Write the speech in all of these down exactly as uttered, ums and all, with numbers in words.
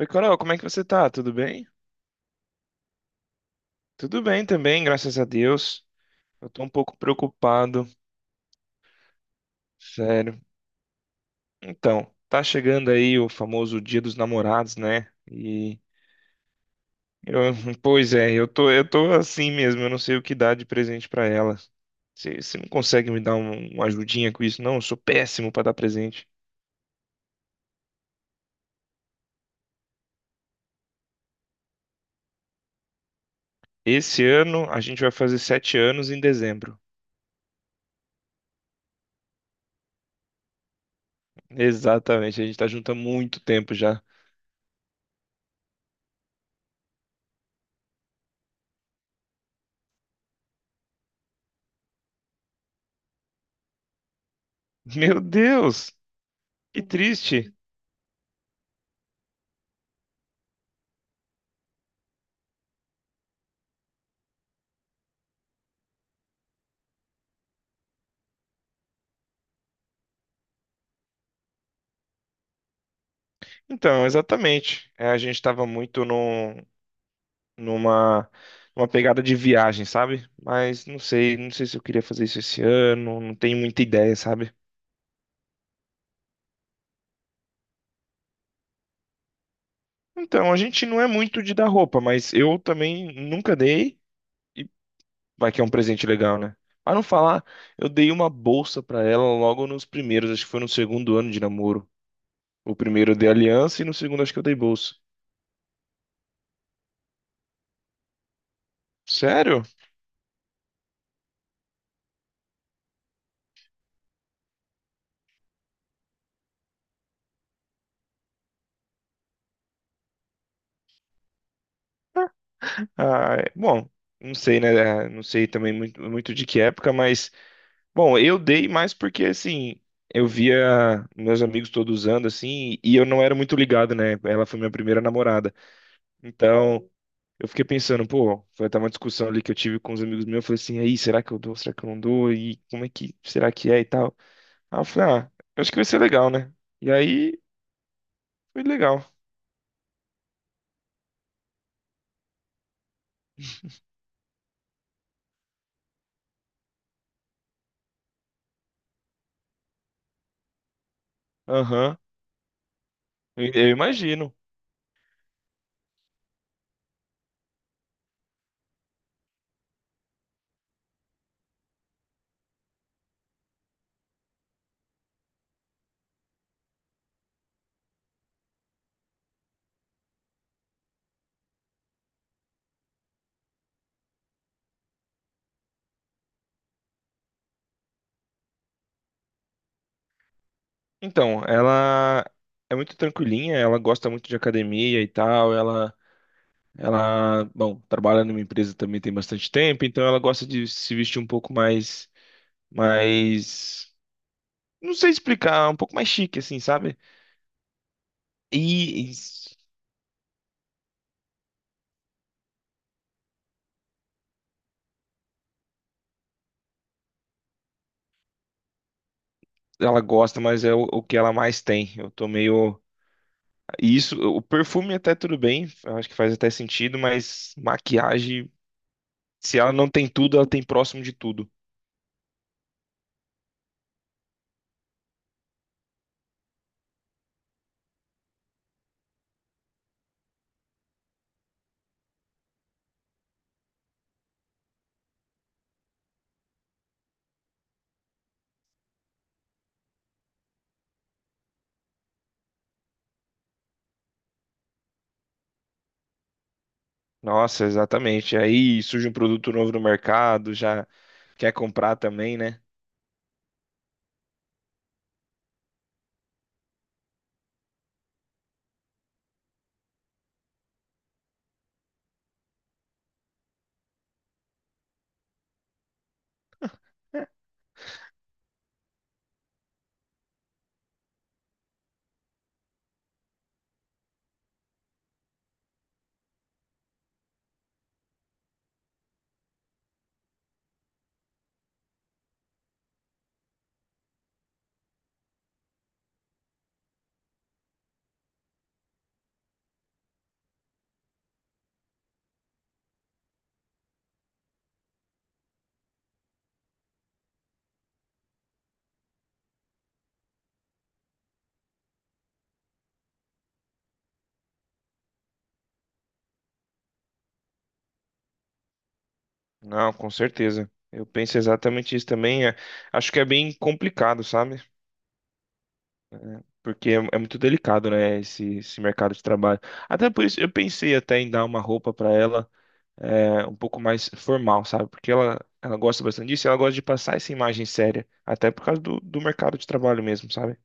Oi, Carol, como é que você tá? Tudo bem? Tudo bem também, graças a Deus. Eu tô um pouco preocupado, sério. Então, tá chegando aí o famoso Dia dos Namorados, né? E eu, pois é, eu tô, eu tô assim mesmo, eu não sei o que dar de presente pra ela. Você você não consegue me dar um- uma ajudinha com isso, não? Eu sou péssimo pra dar presente. Esse ano a gente vai fazer sete anos em dezembro. Exatamente, a gente tá junto há muito tempo já. Meu Deus, que triste. Então, exatamente. É, a gente estava muito num, numa, numa pegada de viagem, sabe? Mas não sei, não sei se eu queria fazer isso esse ano, não tenho muita ideia, sabe? Então, a gente não é muito de dar roupa, mas eu também nunca dei, e vai que é um presente legal, né? Para não falar, eu dei uma bolsa para ela logo nos primeiros, acho que foi no segundo ano de namoro. O primeiro eu dei aliança e no segundo acho que eu dei bolsa. Sério? Ah, é- bom, não sei, né? É, não sei também muito, muito de que época, mas. Bom, eu dei mais porque, assim, eu via meus amigos todos usando, assim, e eu não era muito ligado, né? Ela foi minha primeira namorada. Então, eu fiquei pensando, pô, foi até uma discussão ali que eu tive com os amigos meus. Eu falei assim, aí, será que eu dou? Será que eu não dou? E como é que, será que é e tal? Aí eu falei, ah, eu acho que vai ser legal, né? E aí, foi legal. Aham, eu eu imagino. Então, ela é muito tranquilinha, ela gosta muito de academia e tal, ela Ela, bom, trabalha numa empresa também tem bastante tempo, então ela gosta de se vestir um pouco mais, mais, não sei explicar, um pouco mais chique, assim, sabe? E, e ela gosta, mas é o, o que ela mais tem. Eu tô meio, isso, o perfume até tudo bem, eu acho que faz até sentido, mas maquiagem, se ela não tem tudo, ela tem próximo de tudo. Nossa, exatamente. Aí surge um produto novo no mercado, já quer comprar também, né? Não, com certeza. Eu penso exatamente isso também. É- acho que é bem complicado, sabe? Porque é, é muito delicado, né? Esse, esse mercado de trabalho. Até por isso, eu pensei até em dar uma roupa pra ela é, um pouco mais formal, sabe? Porque ela, ela gosta bastante disso e ela gosta de passar essa imagem séria. Até por causa do, do mercado de trabalho mesmo, sabe?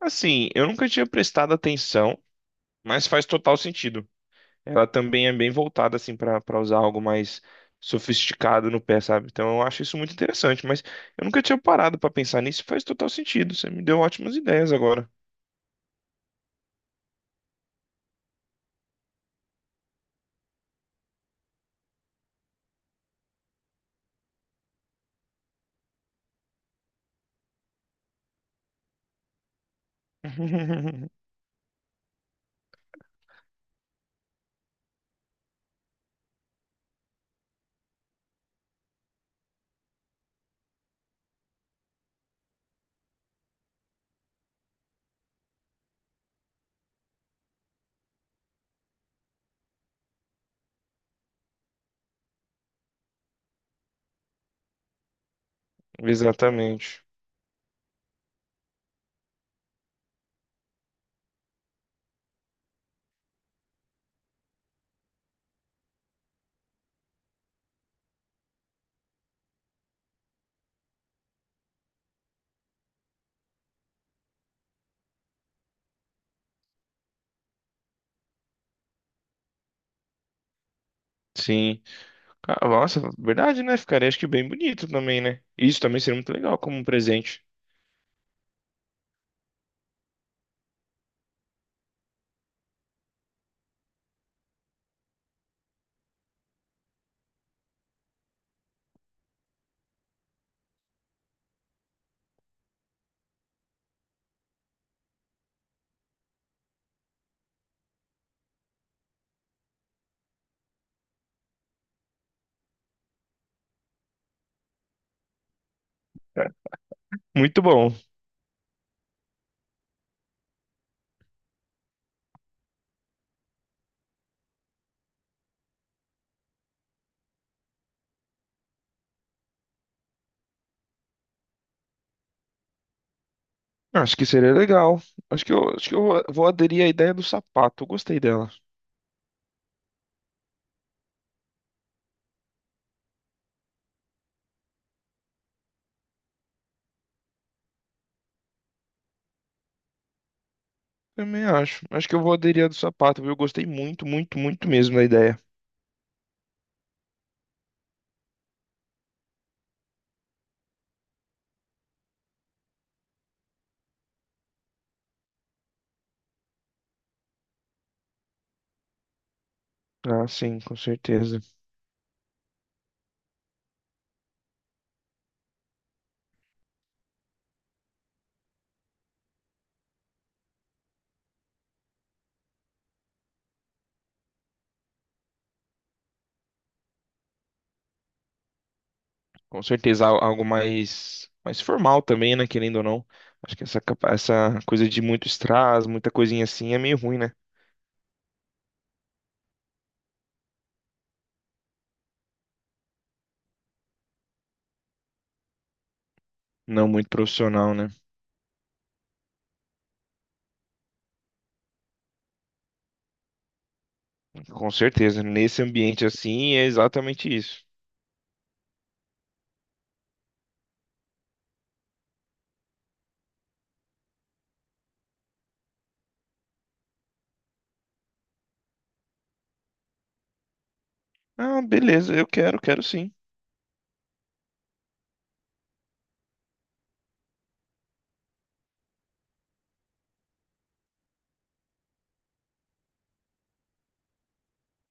Assim, eu nunca tinha prestado atenção, mas faz total sentido. Ela também é bem voltada assim para para usar algo mais sofisticado no pé, sabe? Então eu acho isso muito interessante, mas eu nunca tinha parado para pensar nisso, e faz total sentido. Você me deu ótimas ideias agora. Exatamente. Sim. Ah, nossa, verdade, né? Ficaria acho que bem bonito também, né? Isso também seria muito legal como um presente. Muito bom. Acho que seria legal. Acho que eu, acho que eu vou vou aderir à ideia do sapato. Eu gostei dela. Também acho. Acho que eu vou aderir à do sapato, viu? Eu gostei muito, muito, muito mesmo da ideia. Ah, sim, com certeza. Com certeza, al- algo mais, mais formal também, né? Querendo ou não. Acho que essa, capa- essa coisa de muito strass, muita coisinha assim é meio ruim, né? Não muito profissional, né? Com certeza. Nesse ambiente assim é exatamente isso. Ah, beleza, eu quero, quero sim.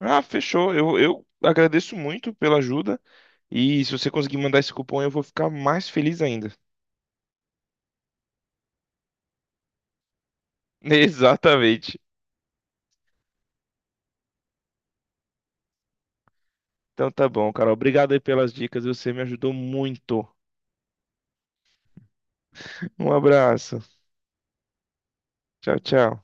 Ah, fechou. Eu, eu agradeço muito pela ajuda. E se você conseguir mandar esse cupom, eu vou ficar mais feliz ainda. Exatamente. Então tá bom, Carol. Obrigado aí pelas dicas. Você me ajudou muito. Um abraço. Tchau, tchau.